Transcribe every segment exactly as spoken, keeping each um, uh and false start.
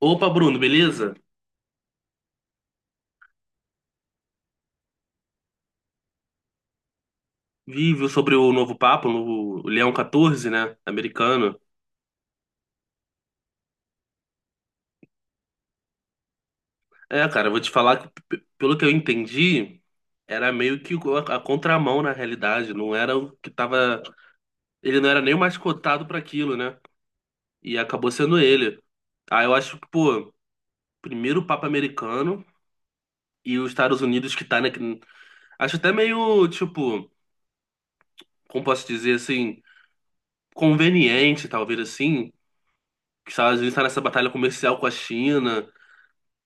Opa, Bruno, beleza? Vi, viu sobre o novo Papa, o novo Leão quatorze, né? Americano. É, cara, eu vou te falar que, p- pelo que eu entendi, era meio que a, a contramão na realidade. Não era o que tava. Ele não era nem o mais cotado para aquilo, né? E acabou sendo ele. Ah, eu acho que, pô, primeiro o Papa americano e os Estados Unidos que tá, né? que- Acho até meio, tipo, como posso dizer assim, conveniente, talvez assim. Que os Estados Unidos tá nessa batalha comercial com a China,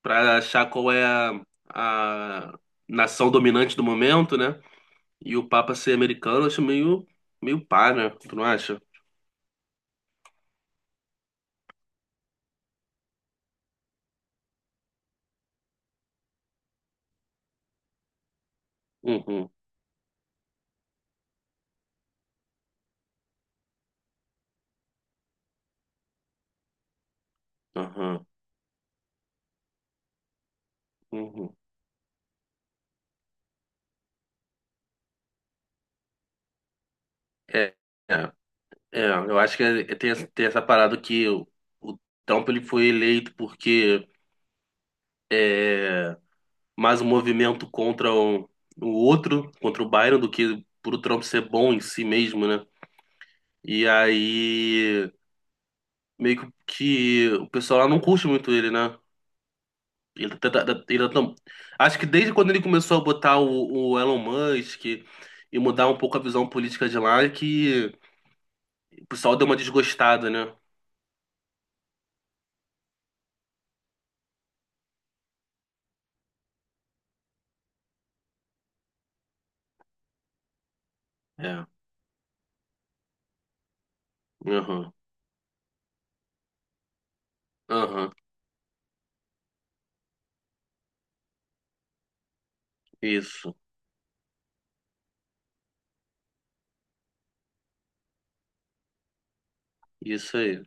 para achar qual é a, a nação dominante do momento, né? E o Papa ser americano, eu acho meio, meio pá, né? Tu não acha? Uhum, uhum, uhum. É, é, é, eu acho que é- tem, essa tem essa parada que o, o Trump, ele foi eleito porque é mais um movimento contra o, o outro, contra o Biden, do que por o Trump ser bom em si mesmo, né? E aí, meio que que o pessoal lá não curte muito ele, né? Ele tá, tá- tá- ele tá- acho que desde quando ele começou a botar o, o Elon Musk e mudar um pouco a visão política de lá, é que o pessoal deu uma desgostada, né? É. Aham. Aham. Isso. Isso aí.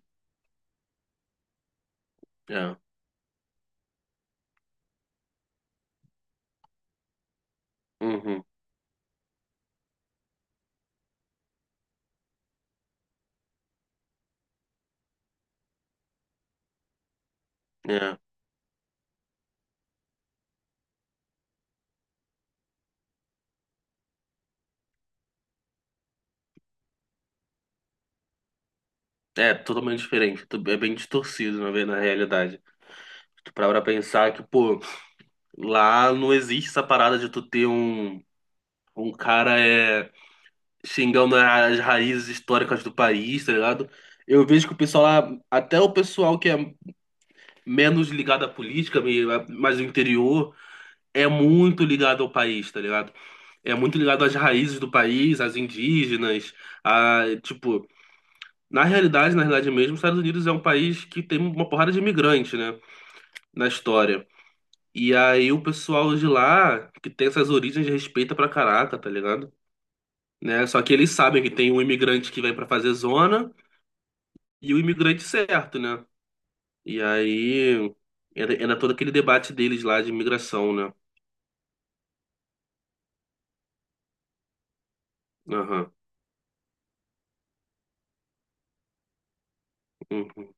É. Uhum. É. É totalmente diferente. Tu- É bem distorcido, na ver- na realidade. Tu para pra pensar que, pô, lá não existe essa parada de tu ter um, um cara é. xingando as raízes históricas do país, tá ligado? Eu vejo que o pessoal lá, até o pessoal que é menos ligado à política, me- mais do interior, é muito ligado ao país, tá ligado? É muito ligado às raízes do país, às indígenas, a, tipo, na realidade, na realidade mesmo, os Estados Unidos é um país que tem uma porrada de imigrantes, né, na história. E aí o pessoal de lá, que tem essas origens, respeita pra caraca, tá ligado? Né? Só que eles sabem que tem um imigrante que vem pra fazer zona. E o imigrante certo, né? E aí era, era todo aquele debate deles lá de imigração, né? Aham, uhum,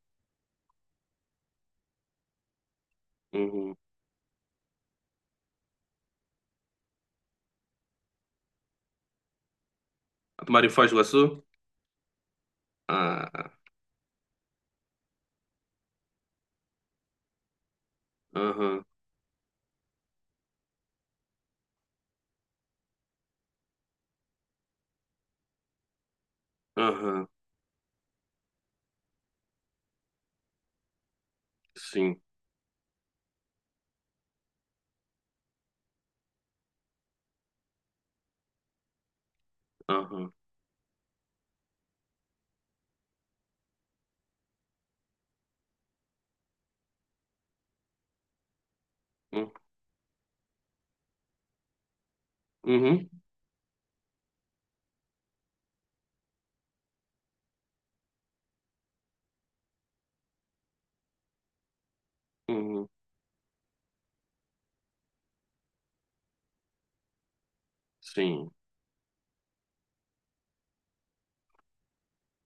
uhum. A Em Foz do Iguaçu? Ah, aham, aham, sim, aham, hum, uhum, uhum, sim.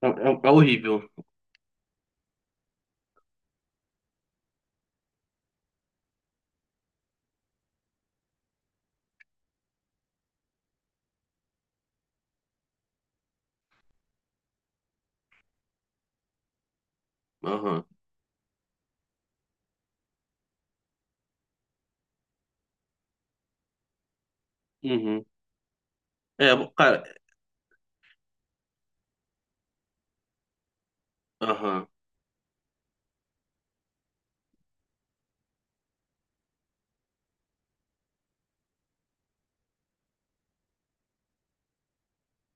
É, é- é horrível. Aham, uhum. É, cara, aham,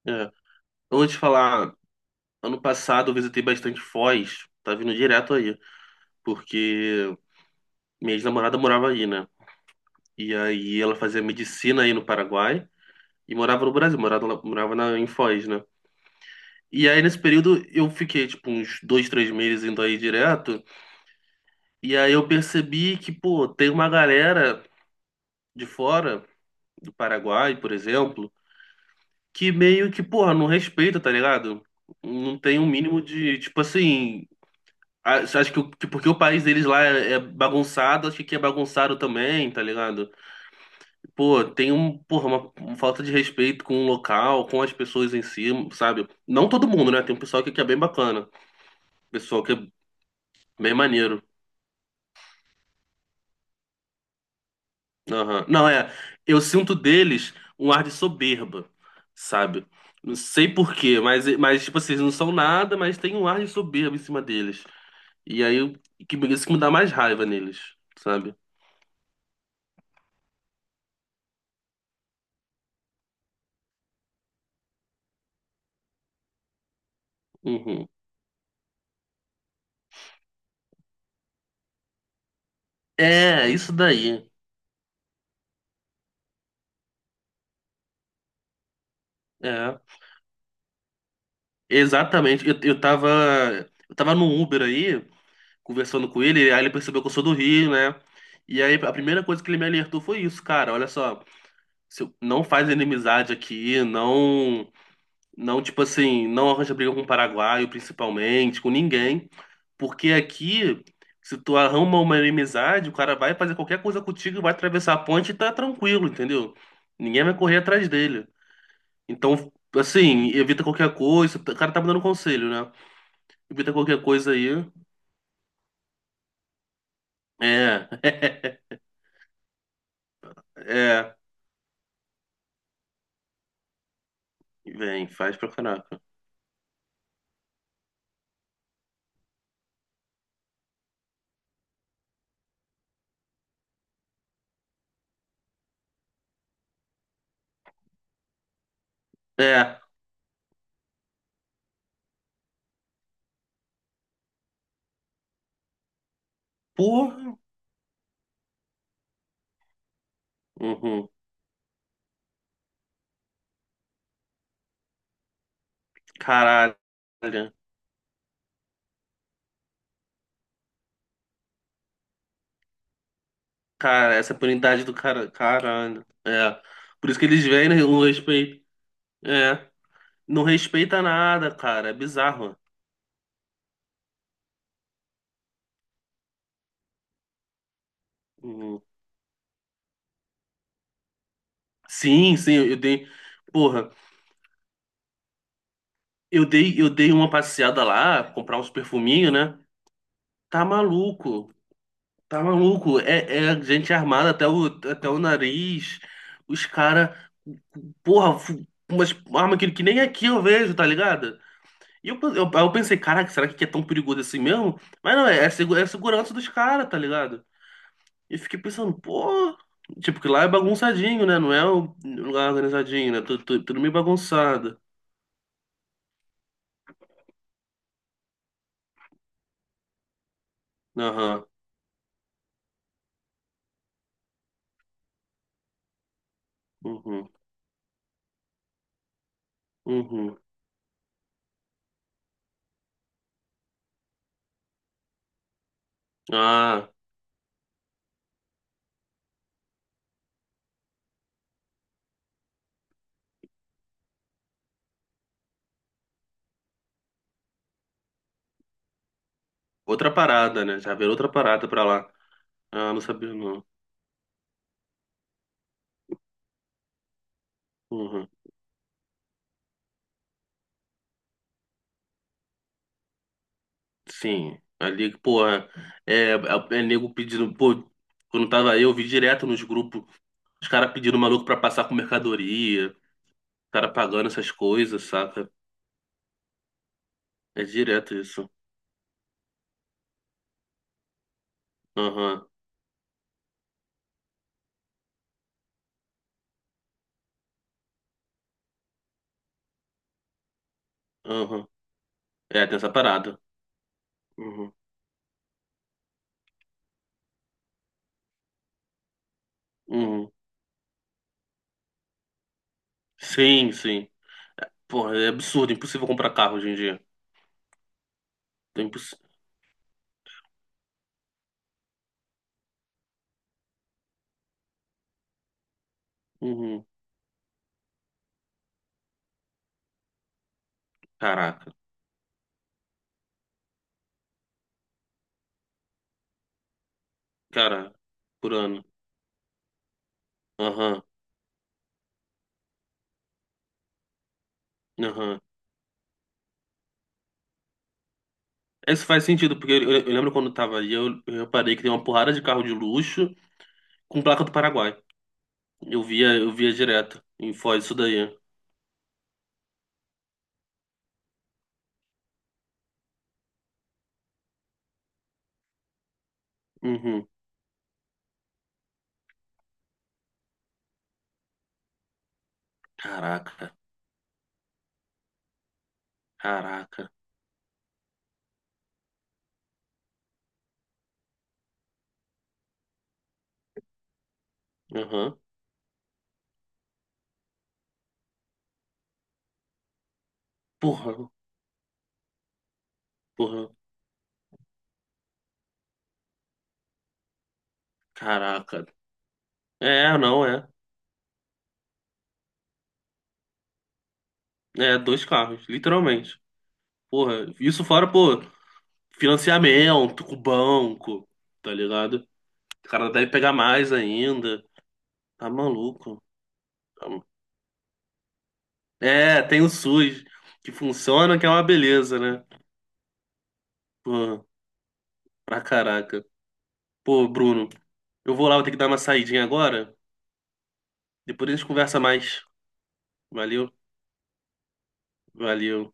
é. Eu vou te falar, ano passado eu visitei bastante Foz, tá vindo direto aí, porque minha ex-namorada morava aí, né? E aí ela fazia medicina aí no Paraguai. E morava no Brasil, morava, lá- morava na, em Foz, né? E aí, nesse período, eu fiquei, tipo, uns dois, três meses indo aí direto. E aí eu percebi que, pô, tem uma galera de fora, do Paraguai, por exemplo, que meio que, porra, não respeita, tá ligado? Não tem um mínimo de, tipo assim. a- Acho que, o- que porque o país deles lá é é bagunçado, acho que aqui é bagunçado também, tá ligado? Pô, tem um, porra, uma, uma falta de respeito com o local, com as pessoas em si, sabe? Não todo mundo, né? Tem um pessoal aqui que é bem bacana, pessoal que é bem maneiro. Aham. Não, é, eu sinto deles um ar de soberba, sabe? Não sei por quê, mas, mas tipo assim, eles não são nada, mas tem um ar de soberba em cima deles. E aí, eu- que, isso que me dá mais raiva neles, sabe? Uhum. É, isso daí. É, exatamente. Eu, eu tava, eu tava no Uber aí, conversando com ele, aí ele percebeu que eu sou do Rio, né? E aí a primeira coisa que ele me alertou foi isso: cara, olha só, se eu- não faz inimizade aqui, não, não tipo assim, não arranja briga com o paraguaio, principalmente, com ninguém, porque aqui se tu arruma uma inimizade, o cara vai fazer qualquer coisa contigo, vai atravessar a ponte e tá tranquilo, entendeu? Ninguém vai correr atrás dele. Então, assim, evita qualquer coisa, o cara tá me dando conselho, né? Evita qualquer coisa aí. É, é. Vem, faz pra caraca. É, porra. Uhum. Caralho. Cara, essa punidade do cara. Caralho. É. Por isso que eles vêm, né? Não respeita. É. Não respeita nada, cara. É bizarro. Uhum. Sim, sim, eu dei. Porra, eu dei, eu dei uma passeada lá, comprar uns perfuminhos, né? Tá maluco. Tá maluco? É, é gente armada até o, até o nariz. Os caras. Porra, fu- umas arma que, que nem aqui eu vejo, tá ligado? E eu, eu, eu pensei, caraca, será que aqui é tão perigoso assim mesmo? Mas não, é, é, segu- é a segurança dos caras, tá ligado? E eu fiquei pensando, pô. Tipo, que lá é bagunçadinho, né? Não é um um lugar organizadinho, né? Tudo, tudo, tudo meio bagunçado. Aham. Uhum. Uhum. Ah, outra parada, né? Já virou outra parada pra lá. Ah, não sabia não. Uhum. Sim, ali, porra, é, é, é nego pedindo, pô, quando tava aí, eu vi direto nos grupos, os caras pedindo maluco pra passar com mercadoria, os cara pagando essas coisas, saca? É direto isso. Aham, aham. É, tem essa parada. Uhum, uhum. Sim, sim. Porra, é absurdo, impossível comprar carro hoje em dia. É imposs... Uhum. Caraca, cara, por ano. Aham, aham. Isso faz sentido, porque eu, eu lembro quando eu tava aí, eu, eu reparei que tem uma porrada de carro de luxo com placa do Paraguai. Eu via, eu via direto em Foz isso daí. Uhum. Caraca, caraca. Uhum. Porra, porra, caraca. É, não é. É, dois carros, literalmente. Porra, isso fora, pô, financiamento com o banco, tá ligado? O cara deve pegar mais ainda. Tá maluco. Tá ma- É, tem o SUS, que funciona, que é uma beleza, né? Pô, pra caraca. Pô, Bruno, eu vou lá, vou ter que dar uma saidinha agora. Depois a gente conversa mais. Valeu. Valeu.